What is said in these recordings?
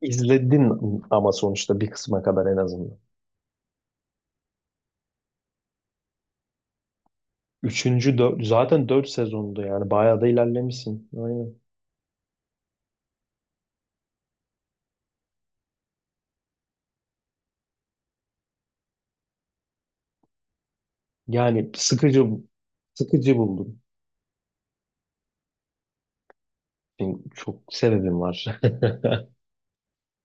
İzledin ama sonuçta bir kısma kadar en azından. Üçüncü, zaten dört sezondu, yani bayağı da ilerlemişsin. Aynen. Yani sıkıcı sıkıcı buldum. Benim çok sebebim var.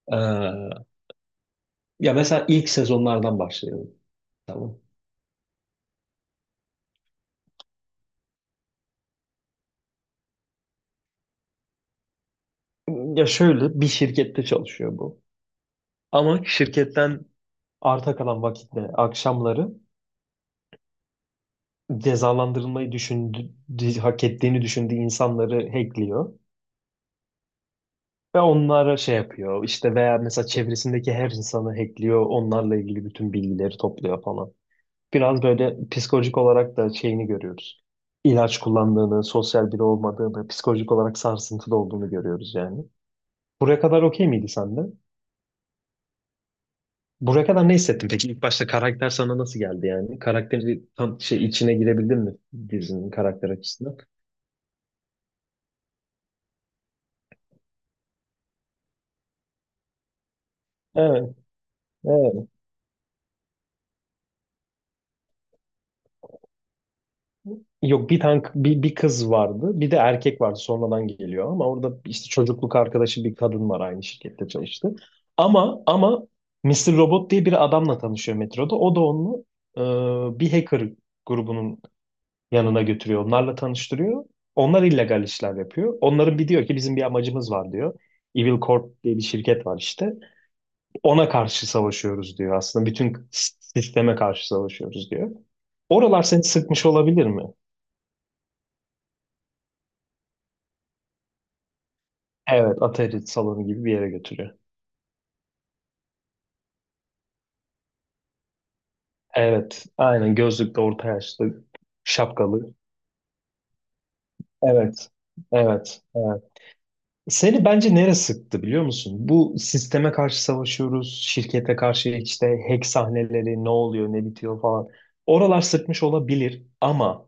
Ee, Ya mesela ilk sezonlardan başlayalım. Tamam. Ya şöyle bir şirkette çalışıyor bu. Ama şirketten arta kalan vakitte akşamları cezalandırılmayı düşündü, hak ettiğini düşündüğü insanları hackliyor. Ve onlara şey yapıyor işte, veya mesela çevresindeki her insanı hackliyor, onlarla ilgili bütün bilgileri topluyor falan. Biraz böyle psikolojik olarak da şeyini görüyoruz. İlaç kullandığını, sosyal biri olmadığını, psikolojik olarak sarsıntıda olduğunu görüyoruz yani. Buraya kadar okey miydi sende? Buraya kadar ne hissettin peki? İlk başta karakter sana nasıl geldi yani? Karakteri tam şey içine girebildin mi dizinin karakter açısından? Evet, evet. Yok, bir tane bir kız vardı. Bir de erkek vardı sonradan geliyor, ama orada işte çocukluk arkadaşı bir kadın var, aynı şirkette çalıştı. Ama Mister Robot diye bir adamla tanışıyor metroda. O da onu bir hacker grubunun yanına götürüyor. Onlarla tanıştırıyor. Onlar illegal işler yapıyor. Onların bir diyor ki bizim bir amacımız var diyor. Evil Corp diye bir şirket var işte. Ona karşı savaşıyoruz diyor aslında. Bütün sisteme karşı savaşıyoruz diyor. Oralar seni sıkmış olabilir mi? Evet, Atari salonu gibi bir yere götürüyor. Evet, aynen gözlüklü, orta yaşlı, şapkalı. Evet, evet, evet. Seni bence nereye sıktı biliyor musun? Bu sisteme karşı savaşıyoruz, şirkete karşı işte hack sahneleri, ne oluyor, ne bitiyor falan. Oralar sıkmış olabilir, ama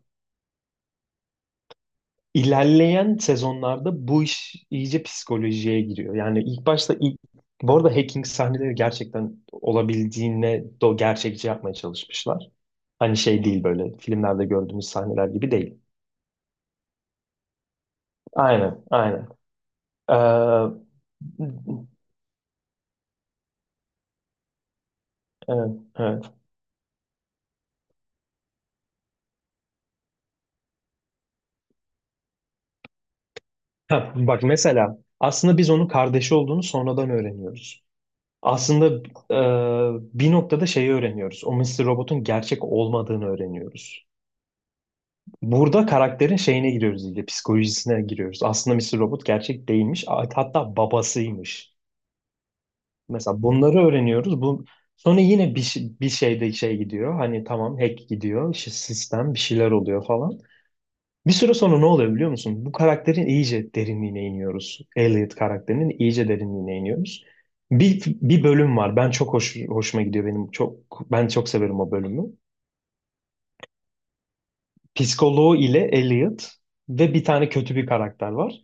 ilerleyen sezonlarda bu iş iyice psikolojiye giriyor. Yani ilk başta ilk, bu arada hacking sahneleri gerçekten olabildiğine gerçekçi yapmaya çalışmışlar. Hani şey değil, böyle filmlerde gördüğümüz sahneler gibi değil. Aynen, aynen. Ee, evet, evet. Ha, bak mesela aslında biz onun kardeşi olduğunu sonradan öğreniyoruz. Aslında bir noktada şeyi öğreniyoruz. O Mr. Robot'un gerçek olmadığını öğreniyoruz. Burada karakterin şeyine giriyoruz iyice, psikolojisine giriyoruz. Aslında Mr. Robot gerçek değilmiş, hatta babasıymış. Mesela bunları öğreniyoruz. Bu sonra yine bir şeyde şey gidiyor. Hani tamam hack gidiyor. İşte sistem bir şeyler oluyor falan. Bir süre sonra ne oluyor biliyor musun? Bu karakterin iyice derinliğine iniyoruz. Elliot karakterinin iyice derinliğine iniyoruz. Bir bölüm var. Ben çok hoşuma gidiyor benim. Ben çok severim o bölümü. Psikoloğu ile Elliot ve bir tane kötü bir karakter var.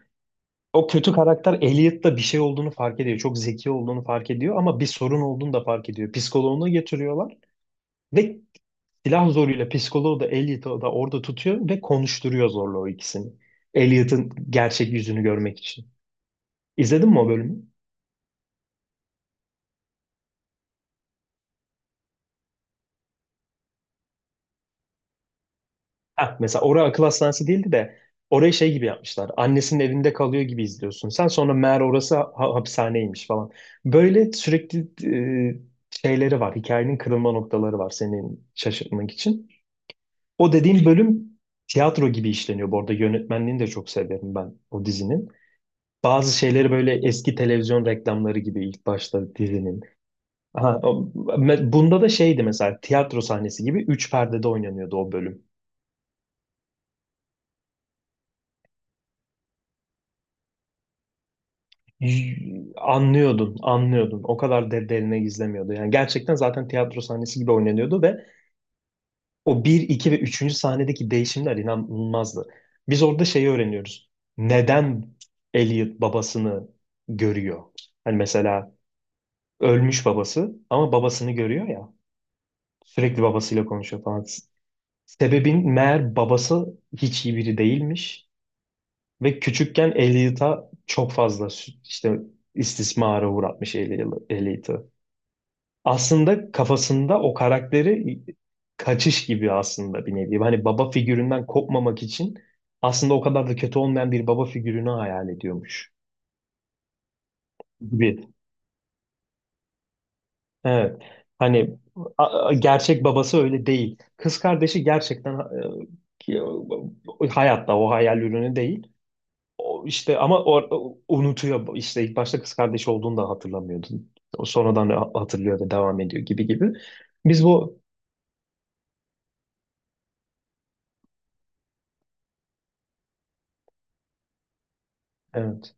O kötü karakter Elliot'ta bir şey olduğunu fark ediyor. Çok zeki olduğunu fark ediyor ama bir sorun olduğunu da fark ediyor. Psikoloğunu getiriyorlar. Ve silah zoruyla psikoloğu da Elliot'ı da orada tutuyor ve konuşturuyor zorla o ikisini. Elliot'ın gerçek yüzünü görmek için. İzledin mi o bölümü? Heh, mesela oraya akıl hastanesi değildi de, orayı şey gibi yapmışlar. Annesinin evinde kalıyor gibi izliyorsun. Sen sonra meğer orası hapishaneymiş falan. Böyle sürekli e, şeyleri var. Hikayenin kırılma noktaları var senin şaşırtmak için. O dediğim bölüm tiyatro gibi işleniyor. Bu arada yönetmenliğini de çok severim ben o dizinin. Bazı şeyleri böyle eski televizyon reklamları gibi ilk başta dizinin. Ha, bunda da şeydi mesela, tiyatro sahnesi gibi üç perdede oynanıyordu o bölüm. Y- Anlıyordun, anlıyordun. O kadar de derine gizlemiyordu. Yani gerçekten zaten tiyatro sahnesi gibi oynanıyordu ve o bir, iki ve üçüncü sahnedeki değişimler inanılmazdı. Biz orada şeyi öğreniyoruz. Neden Elliot babasını görüyor? Hani mesela ölmüş babası ama babasını görüyor ya. Sürekli babasıyla konuşuyor falan. Sebebin meğer babası hiç iyi biri değilmiş ve küçükken Elliot'a çok fazla işte istismara uğratmış Elliot'ı. Aslında kafasında o karakteri kaçış gibi aslında, bir nevi. Hani baba figüründen kopmamak için aslında o kadar da kötü olmayan bir baba figürünü hayal ediyormuş gibi. Evet. Hani gerçek babası öyle değil. Kız kardeşi gerçekten ki- hayatta, o hayal ürünü değil. O işte, ama o unutuyor işte, ilk başta kız kardeşi olduğunu da hatırlamıyordu. O sonradan hatırlıyor ve devam ediyor gibi gibi. Biz bu evet,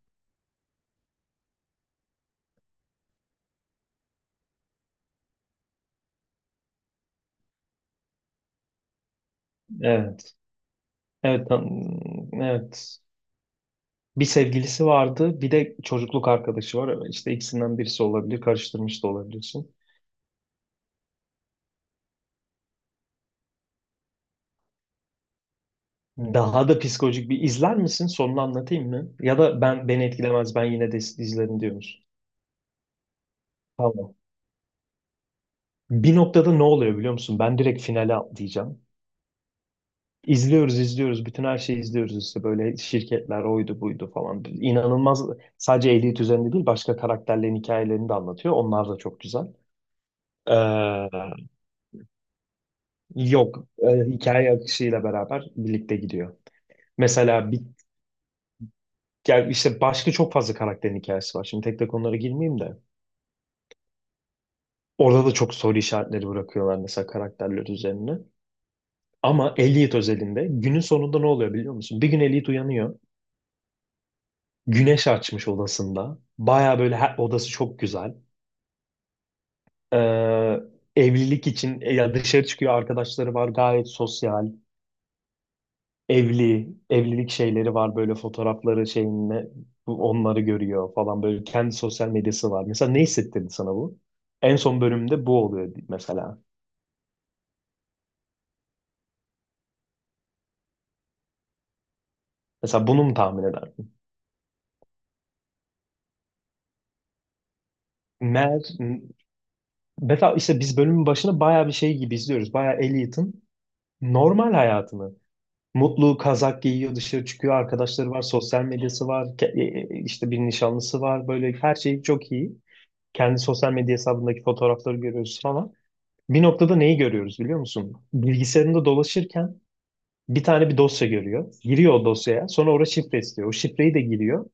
evet, evet, evet. Bir sevgilisi vardı, bir de çocukluk arkadaşı var. İşte ikisinden birisi olabilir, karıştırmış da olabilirsin. Daha da psikolojik bir izler misin? Sonunu anlatayım mı? Ya da ben beni etkilemez, ben yine de izlerim diyor musun? Tamam. Bir noktada ne oluyor biliyor musun? Ben direkt finale atlayacağım. İzliyoruz, izliyoruz. Bütün her şeyi izliyoruz işte, böyle şirketler oydu buydu falan. İnanılmaz, sadece Elite üzerinde değil başka karakterlerin hikayelerini de anlatıyor. Onlar da çok güzel. Ee, Yok, hikaye akışıyla beraber birlikte gidiyor. Mesela yani işte başka çok fazla karakterin hikayesi var. Şimdi tek tek onlara girmeyeyim de. Orada da çok soru işaretleri bırakıyorlar mesela, karakterler üzerine. Ama Elliot özelinde günün sonunda ne oluyor biliyor musun? Bir gün Elliot uyanıyor. Güneş açmış odasında. Baya böyle odası çok güzel. Ee, Evlilik için ya dışarı çıkıyor, arkadaşları var, gayet sosyal. Evlilik şeyleri var, böyle fotoğrafları şeyinle onları görüyor falan, böyle kendi sosyal medyası var. Mesela ne hissettirdi sana bu? En son bölümde bu oluyor mesela. Mesela bunu mu tahmin ederdin? Mer, Mesela işte biz bölümün başına bayağı bir şey gibi izliyoruz. Bayağı Elliot'ın normal hayatını. Mutlu kazak giyiyor, dışarı çıkıyor, arkadaşları var, sosyal medyası var, işte bir nişanlısı var. Böyle her şey çok iyi. Kendi sosyal medya hesabındaki fotoğrafları görüyoruz falan. Bir noktada neyi görüyoruz biliyor musun? Bilgisayarında dolaşırken bir tane bir dosya görüyor. Giriyor o dosyaya. Sonra orada şifre istiyor. O şifreyi de giriyor.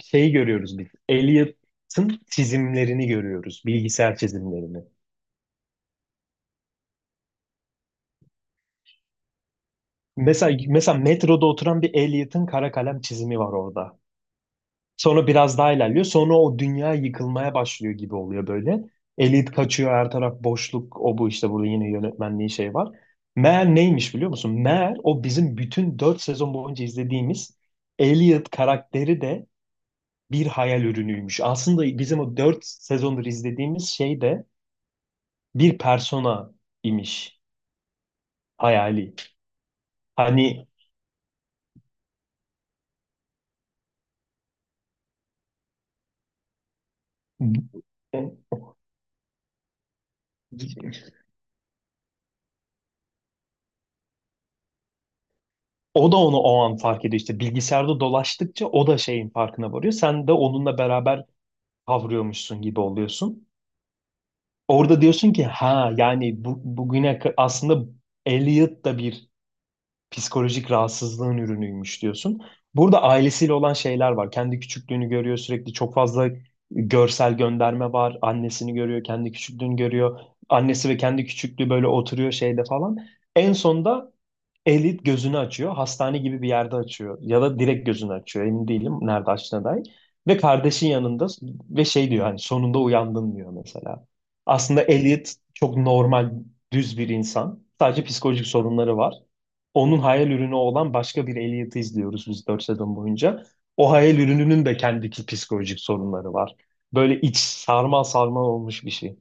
Şeyi görüyoruz biz. Elliot'ın çizimlerini görüyoruz. Bilgisayar çizimlerini. Mesela metroda oturan bir Elliot'ın kara kalem çizimi var orada. Sonra biraz daha ilerliyor. Sonra o dünya yıkılmaya başlıyor gibi oluyor böyle. Elit kaçıyor, her taraf boşluk. O bu işte, burada yine yönetmenliği şey var. Meğer neymiş biliyor musun? Meğer o bizim bütün 4 sezon boyunca izlediğimiz Elliot karakteri de bir hayal ürünüymüş. Aslında bizim o 4 sezondur izlediğimiz şey de bir persona imiş, hayali. Hani o da onu o an fark ediyor işte, bilgisayarda dolaştıkça o da şeyin farkına varıyor. Sen de onunla beraber kavruyormuşsun gibi oluyorsun. Orada diyorsun ki, ha yani bu, bugüne aslında Elliot da bir psikolojik rahatsızlığın ürünüymüş diyorsun. Burada ailesiyle olan şeyler var. Kendi küçüklüğünü görüyor sürekli, çok fazla görsel gönderme var. Annesini görüyor, kendi küçüklüğünü görüyor. Annesi ve kendi küçüklüğü böyle oturuyor şeyde falan. En sonunda Elit gözünü açıyor. Hastane gibi bir yerde açıyor. Ya da direkt gözünü açıyor. Emin değilim nerede açtığına dair. Ve kardeşin yanında, ve şey diyor, hani sonunda uyandın diyor mesela. Aslında Elliot çok normal, düz bir insan. Sadece psikolojik sorunları var. Onun hayal ürünü olan başka bir Elliot'ı izliyoruz biz 4 sezon boyunca. O hayal ürününün de kendi psikolojik sorunları var. Böyle iç sarmal sarmal olmuş bir şey.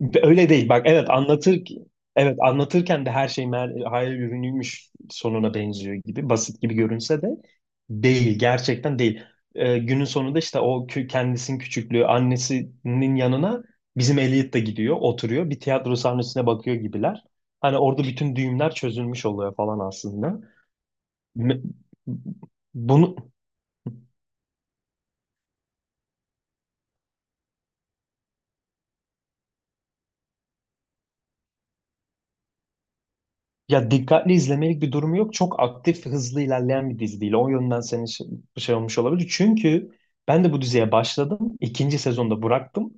Öyle değil. Bak, evet evet anlatırken de her şey hayal ürünüymüş sonuna benziyor gibi, basit gibi görünse de değil, gerçekten değil. Günün sonunda işte o kendisinin küçüklüğü annesinin yanına, bizim Elliot da gidiyor oturuyor, bir tiyatro sahnesine bakıyor gibiler. Hani orada bütün düğümler çözülmüş oluyor falan aslında. Me- Bunu Ya dikkatli izlemelik bir durumu yok. Çok aktif, hızlı ilerleyen bir dizi değil. O yönden senin şey, şey olmuş olabilir. Çünkü ben de bu diziye başladım. İkinci sezonda bıraktım.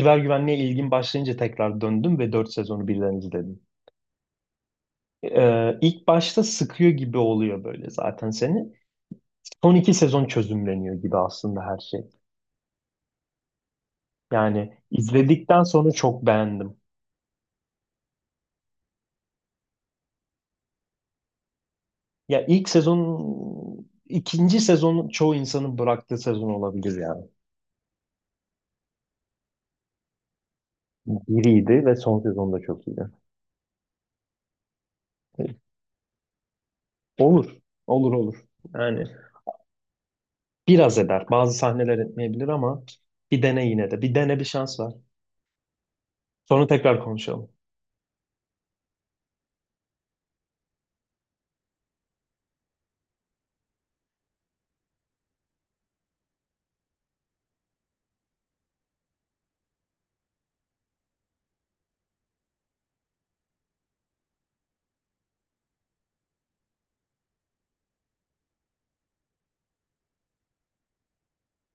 Siber güvenliğe ilgim başlayınca tekrar döndüm ve dört sezonu birden izledim. İlk başta sıkıyor gibi oluyor böyle zaten seni. Son iki sezon çözümleniyor gibi aslında her şey. Yani izledikten sonra çok beğendim. Ya ilk sezon, ikinci sezon çoğu insanın bıraktığı sezon olabilir yani. Biriydi ve son sezonda çok iyiydi. Olur. Olur, olur. Yani biraz eder. Bazı sahneler etmeyebilir ama bir dene yine de. Bir dene, bir şans ver. Sonra tekrar konuşalım.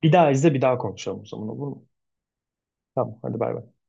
Bir daha izle, bir daha konuşalım o zaman, olur mu? Tamam, hadi bay bay.